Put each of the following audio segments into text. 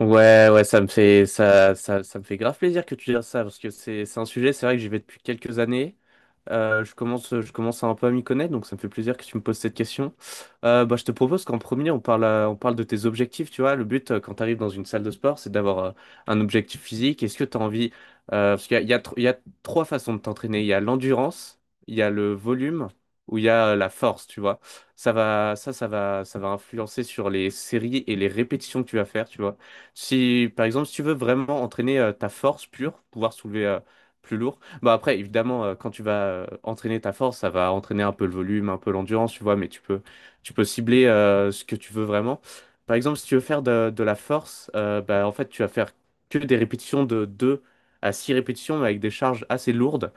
Ouais, ouais, ça me fait grave plaisir que tu dises ça, parce que c'est un sujet, c'est vrai que j'y vais depuis quelques années, je commence un peu à m'y connaître, donc ça me fait plaisir que tu me poses cette question. Bah, je te propose qu'en premier, on parle de tes objectifs. Tu vois, le but quand tu arrives dans une salle de sport, c'est d'avoir un objectif physique. Est-ce que tu as envie, parce qu'il y a, il y a tr- il y a trois façons de t'entraîner. Il y a l'endurance, il y a le volume, ou il y a la force. Tu vois, ça va influencer sur les séries et les répétitions que tu vas faire. Tu vois, si par exemple, si tu veux vraiment entraîner ta force pure, pouvoir soulever plus lourd. Bah après, évidemment, quand tu vas entraîner ta force, ça va entraîner un peu le volume, un peu l'endurance, tu vois, mais tu peux cibler ce que tu veux vraiment. Par exemple, si tu veux faire de la force, bah, en fait, tu vas faire que des répétitions de 2 à 6 répétitions, mais avec des charges assez lourdes,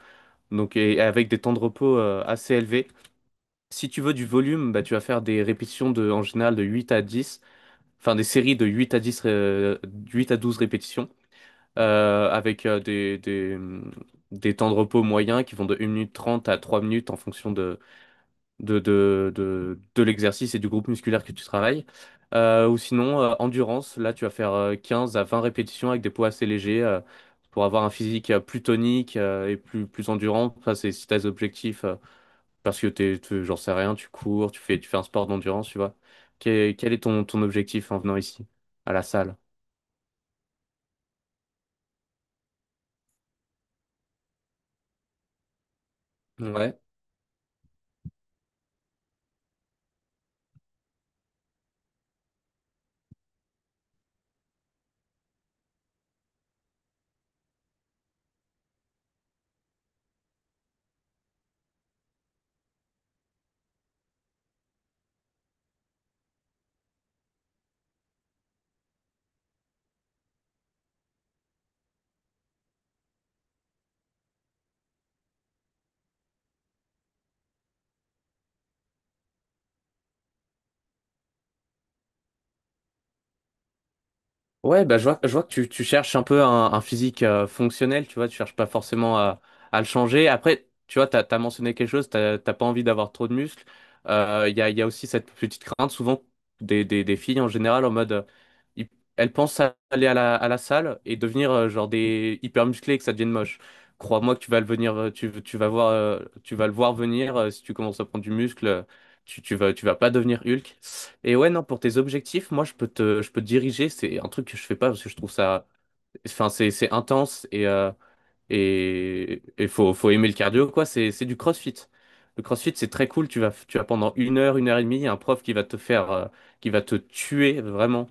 donc et avec des temps de repos assez élevés. Si tu veux du volume, bah, tu vas faire des répétitions de, en général de 8 à dix, enfin des séries de 8 à 10 8 à 12 répétitions avec des temps de repos moyens qui vont de, 1 minute 30 à 3 minutes en fonction de l'exercice et du groupe musculaire que tu travailles. Ou sinon, endurance, là tu vas faire 15 à 20 répétitions avec des poids assez légers pour avoir un physique plus tonique et plus endurant. Ça, c'est si tes objectifs, parce que j'en sais rien, tu cours, tu fais un sport d'endurance, tu vois. Quel est ton objectif en venant ici, à la salle? Ouais. Ouais, bah, je vois que tu cherches un peu un physique fonctionnel, tu vois, tu cherches pas forcément à le changer. Après, tu vois, t'as mentionné quelque chose, t'as pas envie d'avoir trop de muscles. Il y a aussi cette petite crainte, souvent, des filles en général, en mode, hi- elles pensent à aller à la salle et devenir genre des hyper musclées et que ça devienne moche. Crois-moi que tu vas le venir, tu vas voir, tu vas le voir venir si tu commences à prendre du muscle, tu vas pas devenir Hulk. Et ouais, non, pour tes objectifs, moi, je peux te diriger. C'est un truc que je fais pas parce que je trouve ça, enfin, c'est intense et faut aimer le cardio, quoi. C'est du crossfit. Le crossfit, c'est très cool. Tu vas pendant 1 heure, 1 heure et demie, il y a un prof qui va te faire, qui va te tuer vraiment.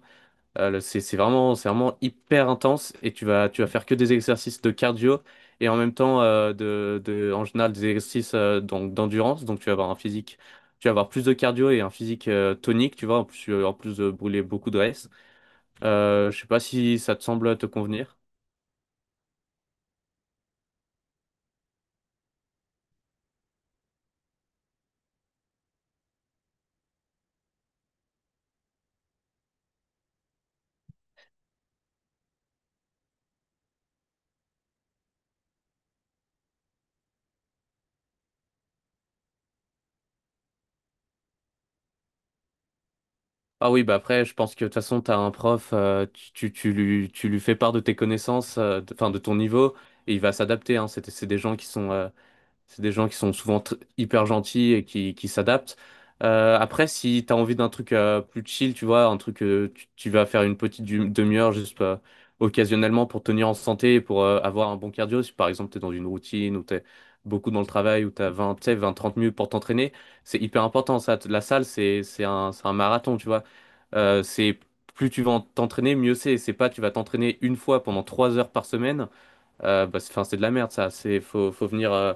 C'est vraiment hyper intense et tu vas faire que des exercices de cardio et en même temps, en général, des exercices donc, d'endurance. Donc, tu vas avoir un physique, tu vas avoir plus de cardio et un physique tonique, tu vois, en plus, en plus de brûler beaucoup de graisse. Je sais pas si ça te semble te convenir. Ah oui, bah après, je pense que de toute façon, tu as un prof, tu lui fais part de tes connaissances, enfin de ton niveau, et il va s'adapter, hein. C'est des gens qui sont, c'est des gens qui sont souvent hyper gentils et qui s'adaptent. Après, si t'as envie d'un truc plus chill, tu vois, un truc tu vas faire une petite demi-heure juste occasionnellement pour tenir en santé et pour avoir un bon cardio, si par exemple t'es dans une routine ou t'es beaucoup dans le travail ou t'as 20, tu sais, 20, 30 minutes pour t'entraîner, c'est hyper important ça. La salle, c'est un marathon, tu vois. C'est plus tu vas t'entraîner, mieux c'est. C'est pas tu vas t'entraîner une fois pendant 3 heures par semaine. Bah, c'est, 'fin, c'est de la merde ça. C'est, faut venir, euh,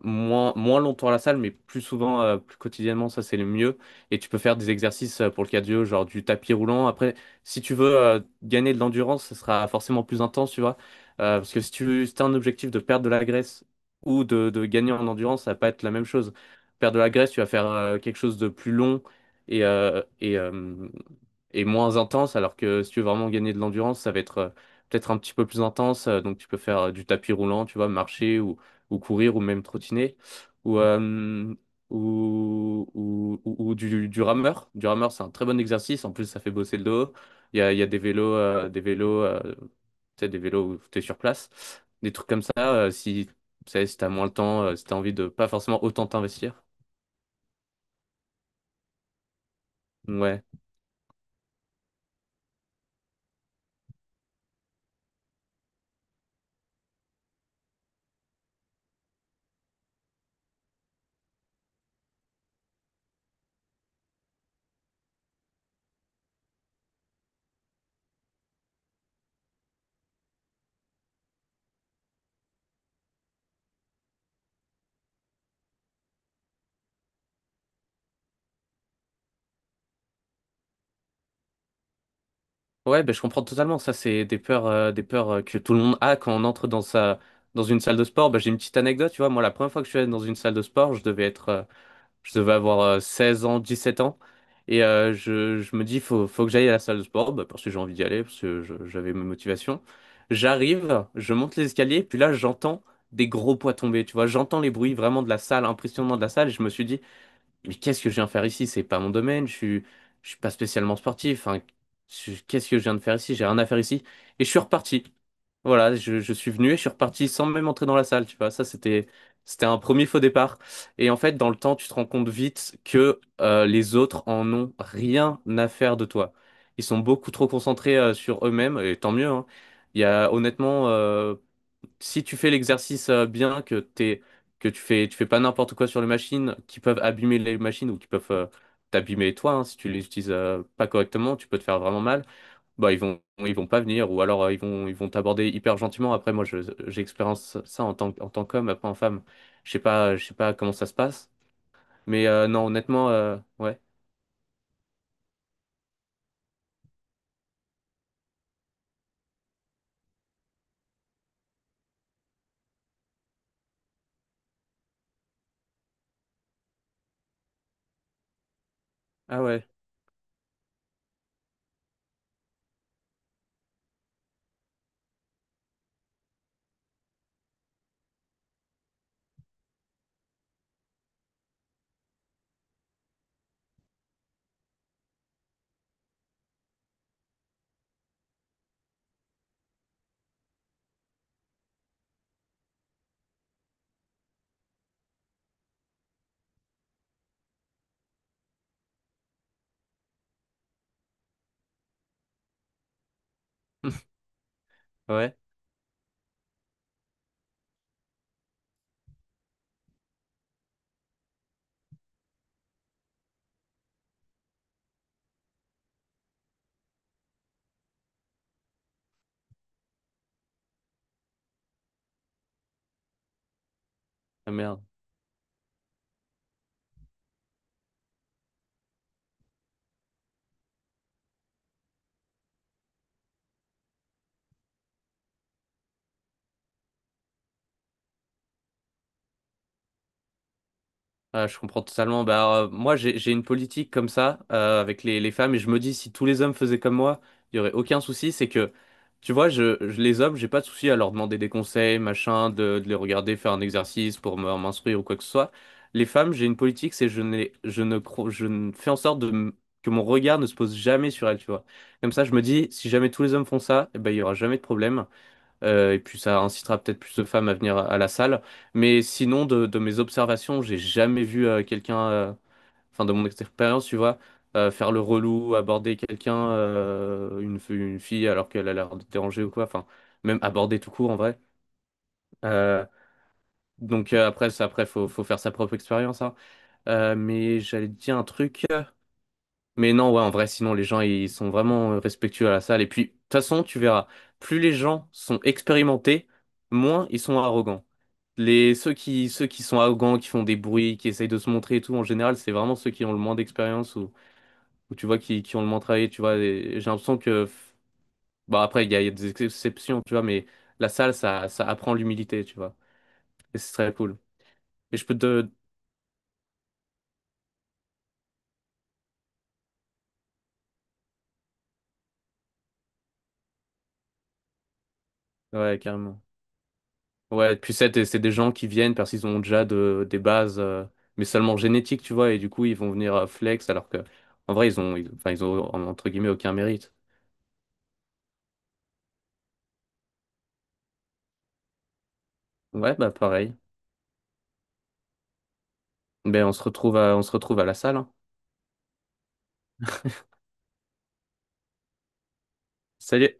moins, moins longtemps à la salle, mais plus souvent, plus quotidiennement, ça c'est le mieux. Et tu peux faire des exercices pour le cardio, genre du tapis roulant. Après, si tu veux gagner de l'endurance, ce sera forcément plus intense, tu vois. Parce que si tu as un objectif de perdre de la graisse ou de gagner en endurance, ça va pas être la même chose. Perdre de la graisse, tu vas faire quelque chose de plus long et, euh, et, euh, et moins intense, alors que si tu veux vraiment gagner de l'endurance, ça va être peut-être un petit peu plus intense. Donc tu peux faire du tapis roulant, tu vois, marcher ou courir, ou même trottiner, ou, euh, ou du rameur. Du rameur, c'est un très bon exercice. En plus, ça fait bosser le dos. Il y a des vélos, tu sais, des vélos où tu es sur place. Des trucs comme ça, si, tu sais, si t'as moins le temps, si t'as envie de pas forcément autant t'investir. Ouais. Ouais, ben, je comprends totalement. Ça, c'est des peurs, que tout le monde a quand on entre dans sa, dans une salle de sport. Ben, j'ai une petite anecdote, tu vois. Moi, la première fois que je suis allé dans une salle de sport, je devais avoir 16 ans, 7 ans. Et je me dis, faut que j'aille à la salle de sport, bah, parce que j'ai envie d'y aller, parce que j'avais mes motivations. J'arrive, je monte les escaliers, puis là, j'entends des gros poids tomber, tu vois. J'entends les bruits vraiment de la salle, impressionnant de la salle. Et je me suis dit, mais qu'est-ce que je viens faire ici? C'est pas mon domaine, je suis pas spécialement sportif, hein. Qu'est-ce que je viens de faire ici? J'ai rien à faire ici. Et je suis reparti. Voilà, je suis venu et je suis reparti sans même entrer dans la salle, tu vois. Ça, c'était, c'était un premier faux départ. Et en fait, dans le temps, tu te rends compte vite que les autres en ont rien à faire de toi. Ils sont beaucoup trop concentrés sur eux-mêmes, et tant mieux, hein. Il y a honnêtement si tu fais l'exercice bien, que tu fais pas n'importe quoi sur les machines qui peuvent abîmer les machines ou qui peuvent t'abîmer toi, hein, si tu les utilises pas correctement, tu peux te faire vraiment mal. Bah ils vont pas venir ou alors ils vont t'aborder hyper gentiment. Après moi, j'expérience ça en tant, en tant qu'homme, après en femme, je sais pas comment ça se passe. Mais non, honnêtement, ouais. Ah ouais, ouais. Ah merde. Ah, je comprends totalement. Bah, moi, j'ai une politique comme ça avec les femmes et je me dis si tous les hommes faisaient comme moi, il y aurait aucun souci. C'est que, tu vois, les hommes, j'ai pas de souci à leur demander des conseils, machin, de les regarder faire un exercice pour m'instruire ou quoi que ce soit. Les femmes, j'ai une politique, c'est je n'ai, je ne cro- je ne fais en sorte que mon regard ne se pose jamais sur elles, tu vois. Comme ça, je me dis si jamais tous les hommes font ça, eh ben, il y aura jamais de problème. Et puis ça incitera peut-être plus de femmes à venir à la salle. Mais sinon, de mes observations, j'ai jamais vu quelqu'un, enfin de mon expérience, tu vois, faire le relou, aborder quelqu'un, une fille alors qu'elle a l'air de déranger ou quoi. Enfin, même aborder tout court en vrai. Euh, donc après, ça, après faut faire sa propre expérience, hein. Mais j'allais te dire un truc. Mais non, ouais, en vrai, sinon les gens, ils sont vraiment respectueux à la salle. Et puis, de toute façon, tu verras, plus les gens sont expérimentés, moins ils sont arrogants. Ceux qui sont arrogants, qui font des bruits, qui essayent de se montrer et tout, en général, c'est vraiment ceux qui ont le moins d'expérience ou, tu vois, qui ont le moins travaillé, tu vois. Et J'ai l'impression que, bah après, il y a des exceptions, tu vois, mais la salle, ça apprend l'humilité, tu vois. Et c'est très cool. Et je peux te... Ouais, carrément. Ouais, puis c'est des gens qui viennent parce qu'ils ont déjà des bases, mais seulement génétiques, tu vois, et du coup, ils vont venir flex, alors que, en vrai, enfin, ils ont, entre guillemets, aucun mérite. Ouais, bah, pareil. Ben, on se retrouve à la salle, hein. Salut!